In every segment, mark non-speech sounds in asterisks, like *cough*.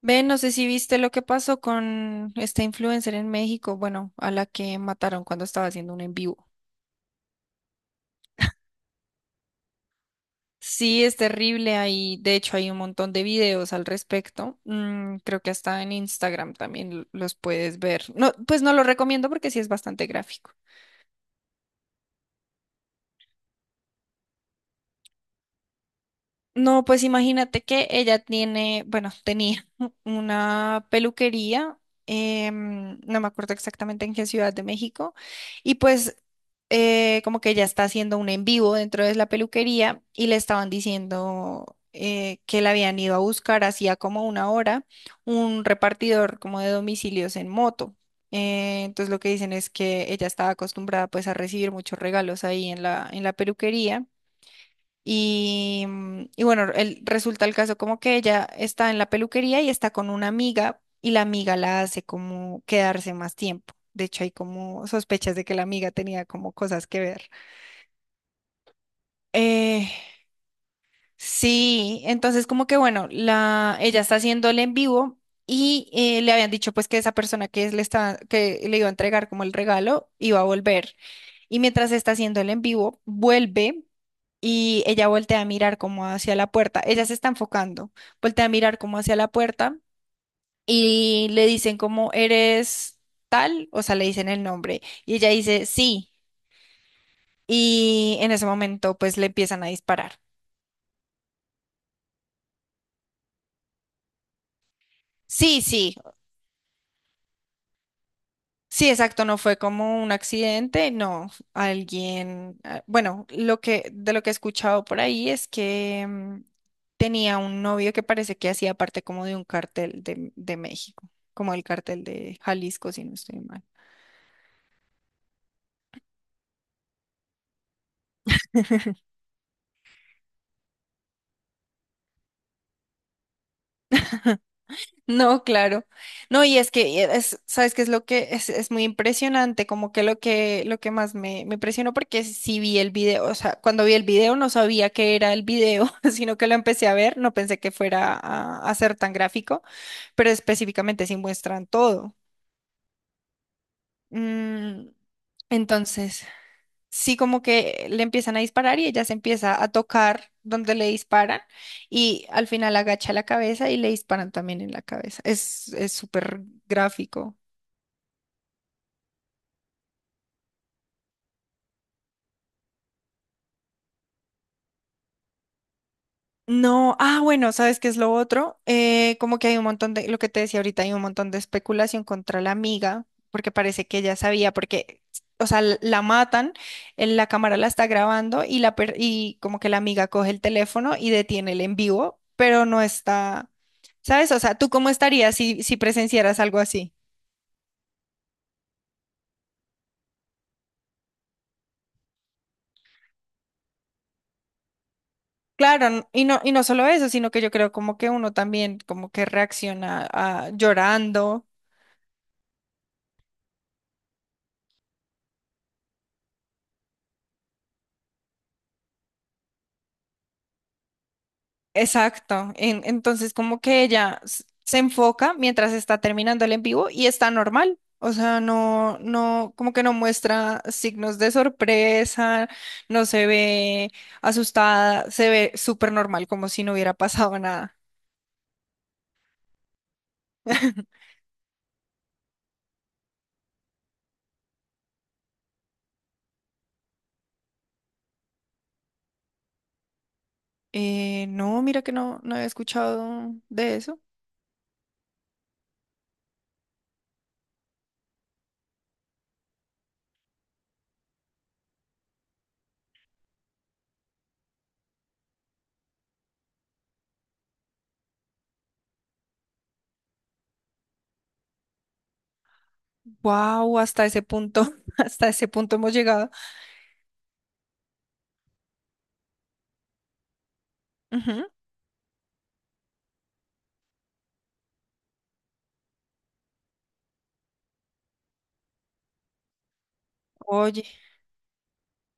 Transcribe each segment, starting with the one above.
Ve, no sé si viste lo que pasó con esta influencer en México, bueno, a la que mataron cuando estaba haciendo un en vivo. Sí, es terrible. De hecho, hay un montón de videos al respecto. Creo que hasta en Instagram también los puedes ver. No, pues no lo recomiendo porque sí es bastante gráfico. No, pues imagínate que ella tiene, bueno, tenía *laughs* una peluquería, no me acuerdo exactamente en qué ciudad de México, y pues como que ella está haciendo un en vivo dentro de la peluquería y le estaban diciendo que la habían ido a buscar hacía como una hora un repartidor como de domicilios en moto. Entonces lo que dicen es que ella estaba acostumbrada pues a recibir muchos regalos ahí en la peluquería. Y bueno, resulta el caso como que ella está en la peluquería y está con una amiga y la amiga la hace como quedarse más tiempo. De hecho, hay como sospechas de que la amiga tenía como cosas que ver. Eh, sí, entonces como que bueno, la, ella está haciendo el en vivo y le habían dicho pues que esa persona le estaba, que le iba a entregar como el regalo iba a volver. Y mientras está haciendo el en vivo, vuelve y ella voltea a mirar como hacia la puerta. Ella se está enfocando, voltea a mirar como hacia la puerta y le dicen como eres tal, o sea, le dicen el nombre y ella dice sí, y en ese momento pues le empiezan a disparar. Sí, sí. Sí, exacto, no fue como un accidente, no, alguien, bueno, lo que he escuchado por ahí es que tenía un novio que parece que hacía parte como de un cartel de México, como el cartel de Jalisco, si no estoy mal. *laughs* No, claro. No, y es que ¿sabes qué es lo que es muy impresionante? Como que lo que más me impresionó porque sí vi el video, o sea, cuando vi el video no sabía que era el video, *laughs* sino que lo empecé a ver, no pensé que fuera a ser tan gráfico. Pero específicamente sí muestran todo. Mm, entonces, sí, como que le empiezan a disparar y ella se empieza a tocar donde le disparan y al final agacha la cabeza y le disparan también en la cabeza. Es súper gráfico. No, bueno, ¿sabes qué es lo otro? Como que hay un montón de, lo que te decía ahorita, hay un montón de especulación contra la amiga, porque parece que ella sabía, porque, o sea, la matan, en la cámara la está grabando y, y como que la amiga coge el teléfono y detiene el en vivo, pero no está, ¿sabes? O sea, ¿tú cómo estarías si presenciaras algo así? Claro, y no solo eso, sino que yo creo como que uno también como que reacciona llorando. Exacto. Entonces, como que ella se enfoca mientras está terminando el en vivo y está normal. O sea, no, no, como que no muestra signos de sorpresa, no se ve asustada, se ve súper normal, como si no hubiera pasado nada. *laughs* No, mira que no, no había escuchado de eso. Wow, hasta ese punto, *laughs* hasta ese punto hemos llegado. Ujú. Oye.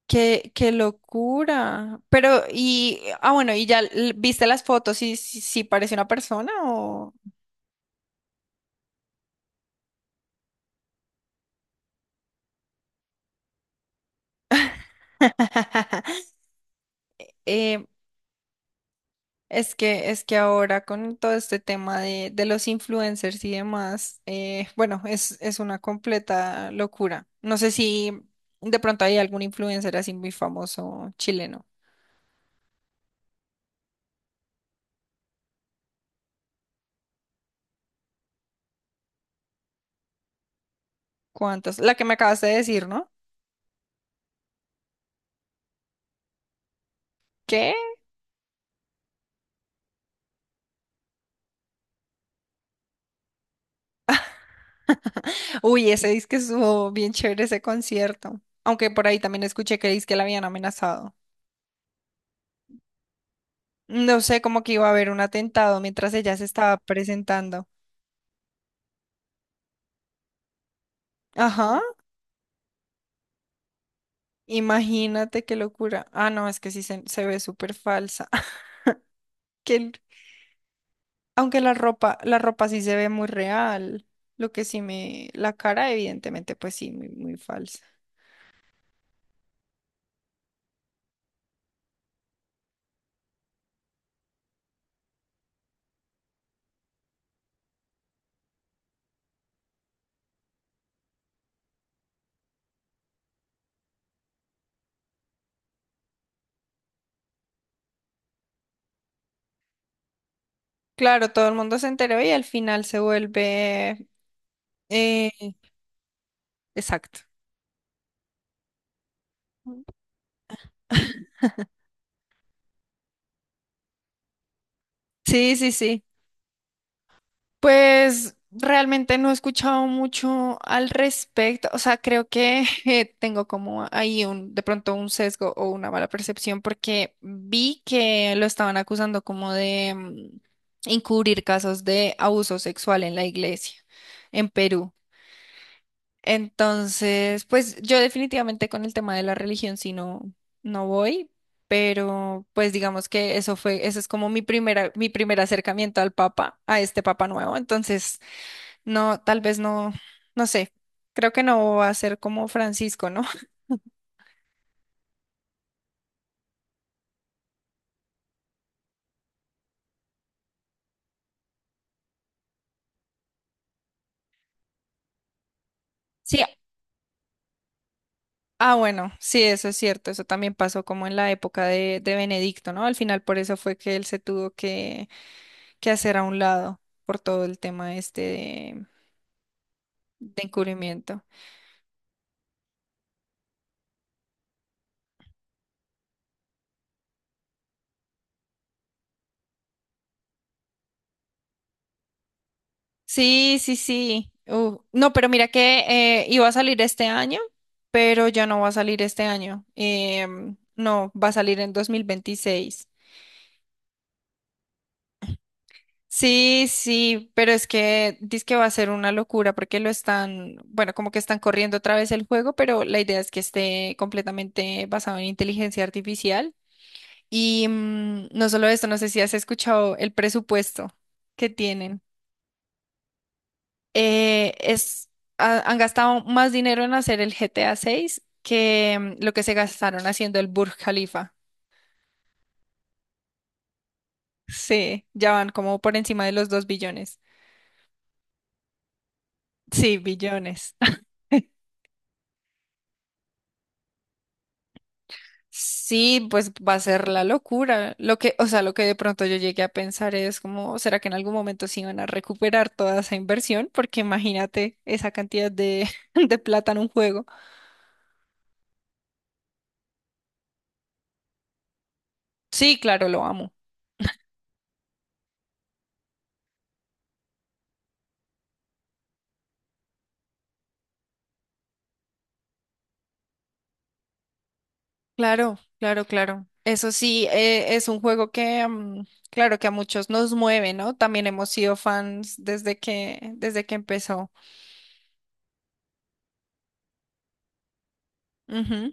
Qué locura. Pero, ah, bueno, y ya viste las fotos y si parece una persona o... *laughs* Eh, es que ahora con todo este tema de, los influencers y demás, bueno, es una completa locura. No sé si de pronto hay algún influencer así muy famoso chileno. ¿Cuántos? La que me acabas de decir, ¿no? ¿Qué? Uy, ese disque estuvo bien chévere ese concierto. Aunque por ahí también escuché que la habían amenazado. No sé, como que iba a haber un atentado mientras ella se estaba presentando. Ajá, imagínate qué locura. Ah, no, es que sí se ve súper falsa. *laughs* Que, el- Aunque la ropa, sí se ve muy real. Lo que sí me, La cara, evidentemente, pues sí, muy, muy falsa. Claro, todo el mundo se enteró y al final se vuelve. eh, exacto. *laughs* Sí, sí, sí. Pues realmente no he escuchado mucho al respecto, o sea, creo que *laughs* tengo como ahí un, de pronto un sesgo o una mala percepción porque vi que lo estaban acusando como de encubrir casos de abuso sexual en la iglesia en Perú. Entonces, pues yo definitivamente con el tema de la religión sí no, no voy, pero pues digamos que eso fue, ese es como mi primera, mi primer acercamiento al Papa, a este Papa nuevo. Entonces, no, tal vez no, no sé. Creo que no va a ser como Francisco, ¿no? *laughs* Sí. Ah, bueno, sí, eso es cierto. Eso también pasó como en la época de, Benedicto, ¿no? Al final por eso fue que él se tuvo que hacer a un lado por todo el tema este de, encubrimiento. Sí, sí, sí. No, pero mira que iba a salir este año, pero ya no va a salir este año. No, va a salir en 2026. Sí, sí, pero es que dice que va a ser una locura porque lo están, bueno, como que están corriendo otra vez el juego, pero la idea es que esté completamente basado en inteligencia artificial. Y no solo esto, no sé si has escuchado el presupuesto que tienen. Eh, es, Han gastado más dinero en hacer el GTA 6 que lo que se gastaron haciendo el Burj Khalifa. Sí, ya van como por encima de los dos billones. Sí, billones. *laughs* Sí, pues va a ser la locura. Lo que, o sea, lo que de pronto yo llegué a pensar es como, ¿será que en algún momento se iban a recuperar toda esa inversión? Porque imagínate esa cantidad de, *laughs* de plata en un juego. Sí, claro, lo amo. Claro, claro, claro. Eso sí, es un juego que, claro, que a muchos nos mueve, ¿no? También hemos sido fans desde que empezó. Ujú.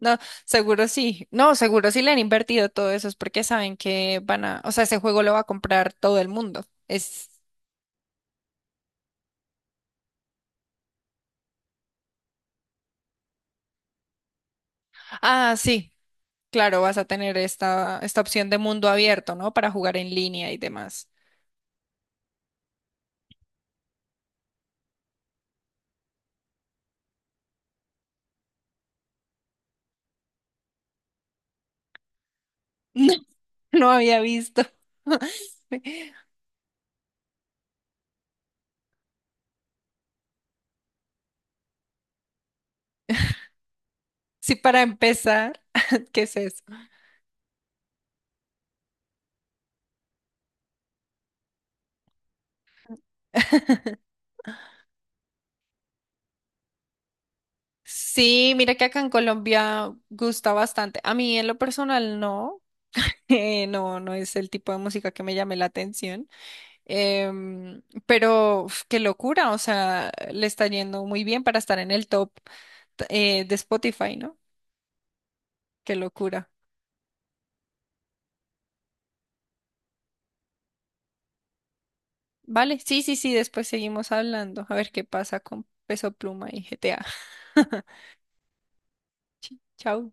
No, seguro sí. No, seguro sí le han invertido todo eso, es porque saben que van a, o sea, ese juego lo va a comprar todo el mundo. Sí, claro, vas a tener esta opción de mundo abierto, ¿no? Para jugar en línea y demás. *laughs* No, no había visto. *laughs* Sí, para empezar, *laughs* ¿qué es eso? *laughs* Sí, mira que acá en Colombia gusta bastante. A mí en lo personal no. *laughs* No, no es el tipo de música que me llame la atención. Pero uf, qué locura, o sea, le está yendo muy bien para estar en el top, de Spotify, ¿no? Qué locura. Vale, sí, sí, sí, después seguimos hablando, a ver qué pasa con Peso Pluma y GTA. *laughs* Chao.